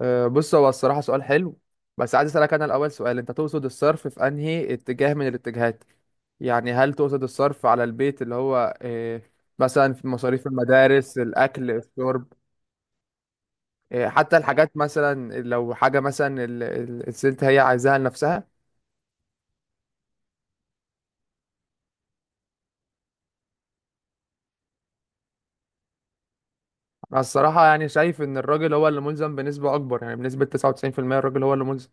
بص، هو الصراحة سؤال حلو. بس عايز أسألك أنا الأول سؤال، أنت تقصد الصرف في أنهي اتجاه من الاتجاهات؟ يعني هل تقصد الصرف على البيت، اللي هو مثلا في مصاريف المدارس، الأكل، الشرب، حتى الحاجات، مثلا لو حاجة مثلا الست هي عايزاها لنفسها. أنا الصراحة يعني شايف إن الراجل هو اللي ملزم بنسبة أكبر، يعني بنسبة 99% الراجل هو اللي ملزم.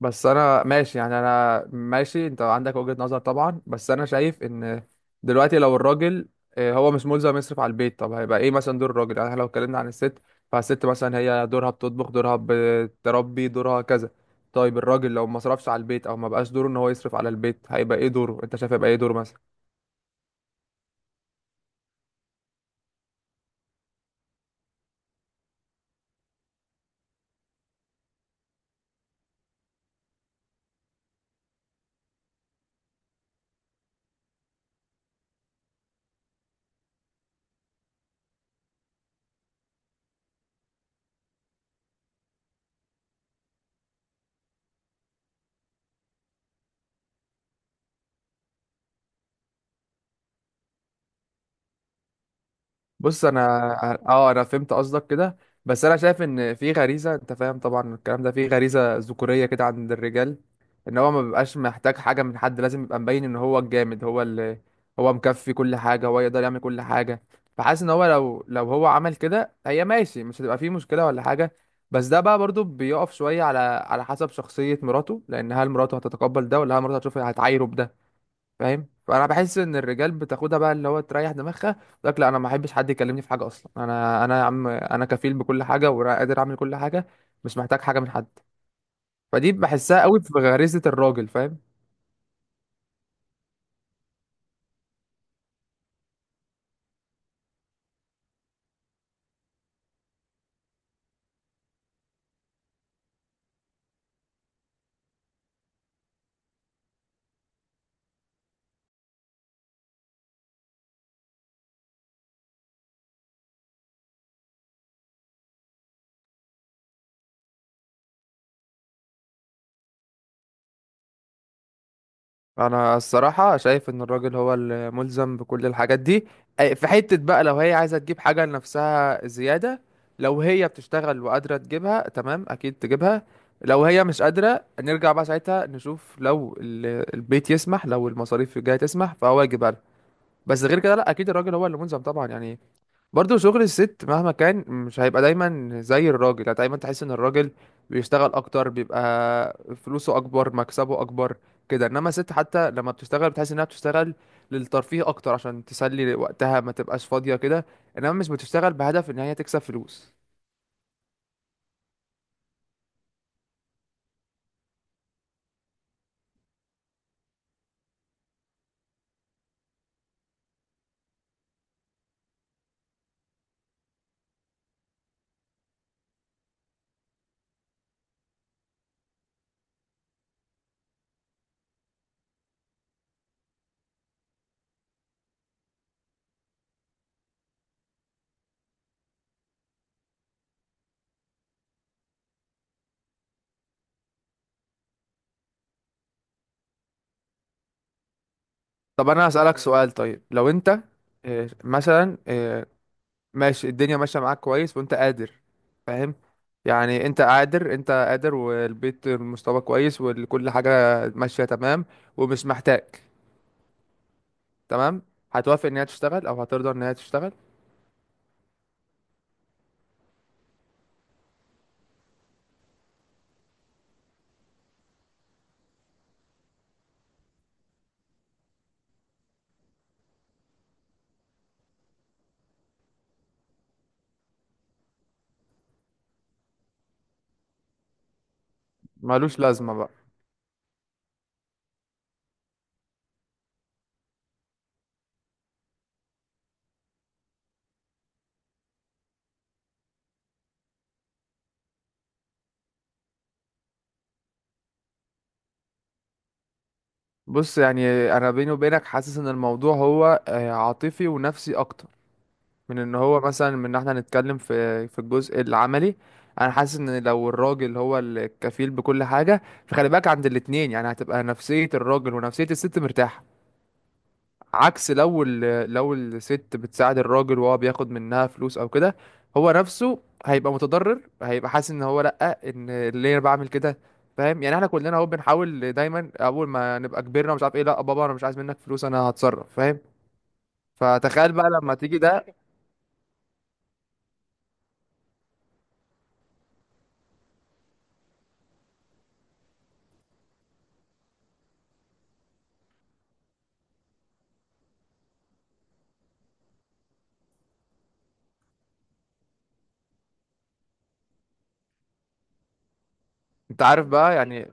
بس انا ماشي، يعني انا ماشي، انت عندك وجهة نظر طبعا، بس انا شايف ان دلوقتي لو الراجل هو مش ملزم يصرف على البيت، طب هيبقى ايه مثلا دور الراجل؟ يعني إحنا لو اتكلمنا عن الست، فالست مثلا هي دورها بتطبخ، دورها بتربي، دورها كذا. طيب الراجل لو ما صرفش على البيت او ما بقاش دوره ان هو يصرف على البيت، هيبقى ايه دوره؟ انت شايف هيبقى ايه دوره مثلا؟ بص، انا فهمت قصدك كده. بس انا شايف ان في غريزه، انت فاهم طبعا الكلام ده، في غريزه ذكوريه كده عند الرجال. ان هو ما بيبقاش محتاج حاجه من حد، لازم يبقى مبين ان هو الجامد، هو اللي هو مكفي كل حاجه، هو يقدر يعمل كل حاجه. فحاسس ان هو لو هو عمل كده هي ماشي، مش هتبقى فيه مشكله ولا حاجه. بس ده بقى برضو بيقف شويه على حسب شخصيه مراته. لان هل مراته هتتقبل ده؟ ولا هل مراته هتشوف هتعايره بده؟ فاهم؟ فانا بحس ان الرجال بتاخدها بقى اللي هو تريح دماغها. يقول لك لا، انا ما احبش حد يكلمني في حاجه اصلا، انا يا عم، انا كفيل بكل حاجه وقادر اعمل كل حاجه، مش محتاج حاجه من حد. فدي بحسها قوي في غريزه الراجل، فاهم؟ انا الصراحه شايف ان الراجل هو الملزم بكل الحاجات دي. في حته بقى، لو هي عايزه تجيب حاجه لنفسها زياده، لو هي بتشتغل وقادره تجيبها، تمام، اكيد تجيبها. لو هي مش قادرة، نرجع بقى ساعتها نشوف لو البيت يسمح، لو المصاريف الجاية تسمح، فهو يجيبها لها. بس غير كده لا، اكيد الراجل هو اللي ملزم طبعا. يعني برضو شغل الست مهما كان مش هيبقى دايما زي الراجل، يعني دايما تحس ان الراجل بيشتغل اكتر، بيبقى فلوسه اكبر، مكسبه اكبر كده. انما الست حتى لما بتشتغل بتحس انها بتشتغل للترفيه اكتر، عشان تسلي وقتها ما تبقاش فاضية كده، انما مش بتشتغل بهدف ان هي تكسب فلوس. طب انا هسألك سؤال. طيب لو انت مثلا، ماشي، الدنيا ماشية معاك كويس وانت قادر، فاهم يعني؟ انت قادر، والبيت المستوى كويس وكل حاجة ماشية تمام، ومش محتاج. تمام. هتوافق ان هي تشتغل او هترضى ان هي تشتغل؟ ملوش لازمة بقى؟ بص، يعني انا بيني وبينك حاسس ان الموضوع هو عاطفي ونفسي اكتر، من ان هو مثلا، من ان احنا نتكلم في الجزء العملي. انا حاسس ان لو الراجل هو الكفيل بكل حاجة، فخلي بالك عند الاتنين، يعني هتبقى نفسية الراجل ونفسية الست مرتاحة. عكس لو لو الست بتساعد الراجل وهو بياخد منها فلوس او كده، هو نفسه هيبقى متضرر، هيبقى حاسس ان هو لا، ان ليه انا بعمل كده؟ فاهم يعني؟ احنا كلنا اهو بنحاول دايما، اول ما نبقى كبرنا ومش عارف ايه، لا بابا انا مش عايز منك فلوس، انا هتصرف، فاهم؟ فتخيل بقى لما تيجي ده. انت عارف بقى، يعني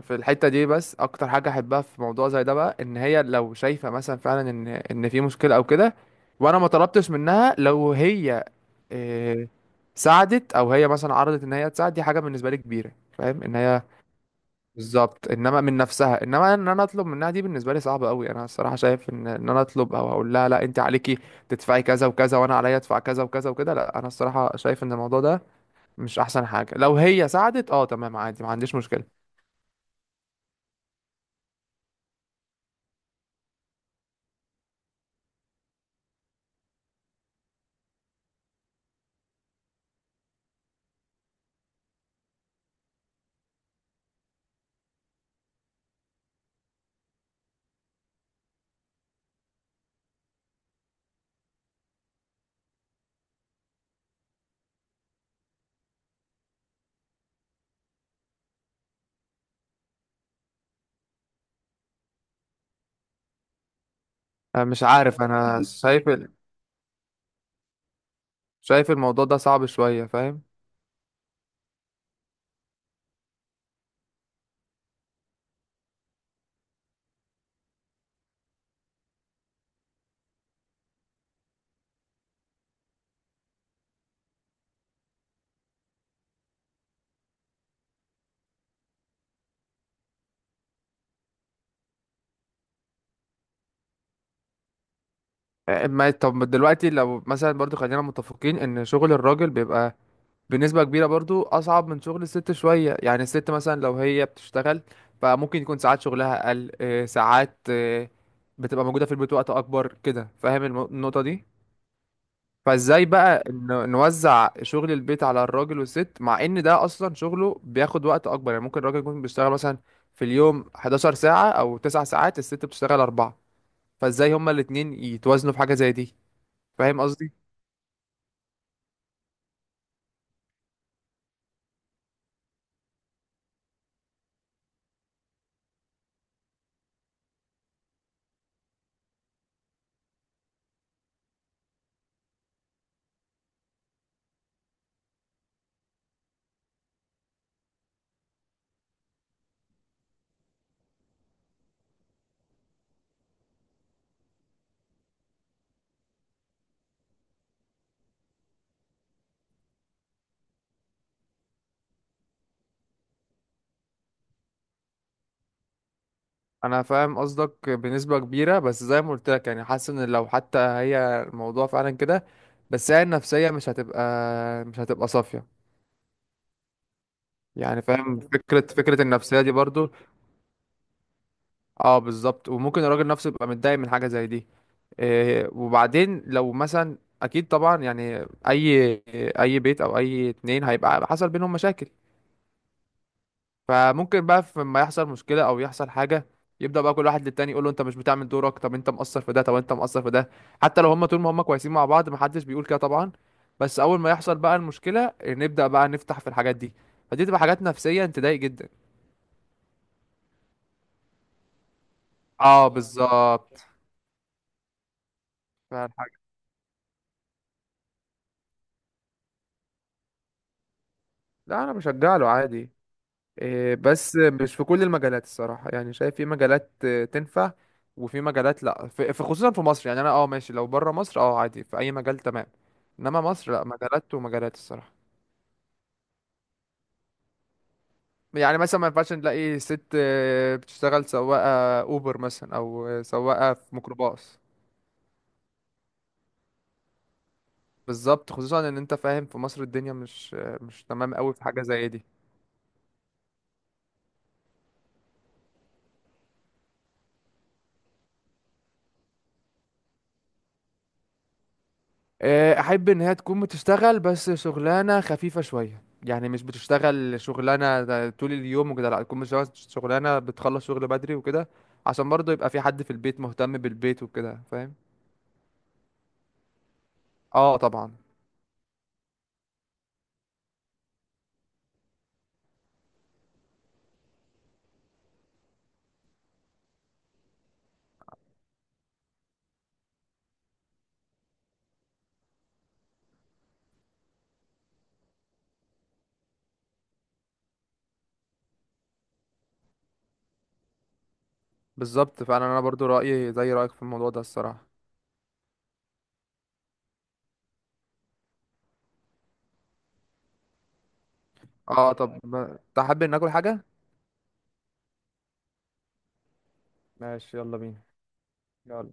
في الحتة دي بس اكتر حاجة احبها في موضوع زي ده بقى، ان هي لو شايفة مثلا فعلا ان في مشكلة او كده، وانا ما طلبتش منها، لو هي إيه، ساعدت، او هي مثلا عرضت ان هي تساعد، دي حاجه بالنسبه لي كبيره، فاهم؟ ان هي بالظبط، انما من نفسها، انما ان انا اطلب منها، دي بالنسبه لي صعبه قوي. انا الصراحه شايف ان انا اطلب او اقول لها لا انت عليكي تدفعي كذا وكذا وانا عليا ادفع كذا وكذا وكده، لا، انا الصراحه شايف ان الموضوع ده مش احسن حاجه. لو هي ساعدت اه، تمام، عادي، ما عنديش مشكله. أنا مش عارف، انا شايف شايف الموضوع ده صعب شويه، فاهم؟ ما طب دلوقتي لو مثلا برضو خلينا متفقين ان شغل الراجل بيبقى بنسبة كبيرة برضو أصعب من شغل الست شوية، يعني الست مثلا لو هي بتشتغل فممكن يكون ساعات شغلها أقل، ساعات، بتبقى موجودة في البيت وقت أكبر كده، فاهم النقطة دي؟ فازاي بقى نوزع شغل البيت على الراجل والست، مع ان ده اصلا شغله بياخد وقت اكبر؟ يعني ممكن الراجل يكون بيشتغل مثلا في اليوم 11 ساعة او 9 ساعات، الست بتشتغل 4. فازاي هما الاتنين يتوازنوا في حاجة زي دي؟ فاهم قصدي؟ انا فاهم قصدك بنسبه كبيره، بس زي ما قلت لك يعني، حاسس ان لو حتى هي الموضوع فعلا كده، بس هي النفسيه مش هتبقى صافيه. يعني فاهم فكره النفسيه دي برضو. اه بالظبط، وممكن الراجل نفسه يبقى متضايق من حاجه زي دي. إيه وبعدين لو مثلا، اكيد طبعا يعني اي بيت او اي اتنين هيبقى حصل بينهم مشاكل. فممكن بقى لما يحصل مشكلة او يحصل حاجة، يبدأ بقى كل واحد للتاني يقول له انت مش بتعمل دورك، طب انت مقصر في ده، طب انت مقصر في ده. حتى لو هما طول ما هما كويسين مع بعض محدش بيقول كده طبعا، بس اول ما يحصل بقى المشكلة نبدأ بقى نفتح في الحاجات دي، فدي تبقى حاجات نفسية تضايق جدا. اه بالظبط. فالحاجة، لا انا بشجع له عادي. بس مش في كل المجالات الصراحة، يعني شايف في مجالات تنفع، وفي مجالات لا، خصوصا في مصر. يعني انا ماشي، لو بره مصر عادي في اي مجال، تمام. انما مصر لا، مجالات ومجالات الصراحة. يعني مثلا ما ينفعش نلاقي ست بتشتغل سواقة اوبر مثلا، او سواقة في ميكروباص. بالظبط، خصوصا ان انت فاهم في مصر الدنيا مش مش تمام قوي في حاجة زي دي. احب ان هي تكون بتشتغل، بس شغلانه خفيفه شويه، يعني مش بتشتغل شغلانه ده طول اليوم وكده، لا، تكون بتشتغل شغلانه بتخلص شغل بدري وكده، عشان برضه يبقى في حد في البيت مهتم بالبيت وكده، فاهم؟ اه طبعا. بالظبط فعلا، انا برضو رايي زي رايك في الموضوع ده الصراحه. اه طب، تحب ان اكل حاجه؟ ماشي، يلا بينا. يلا.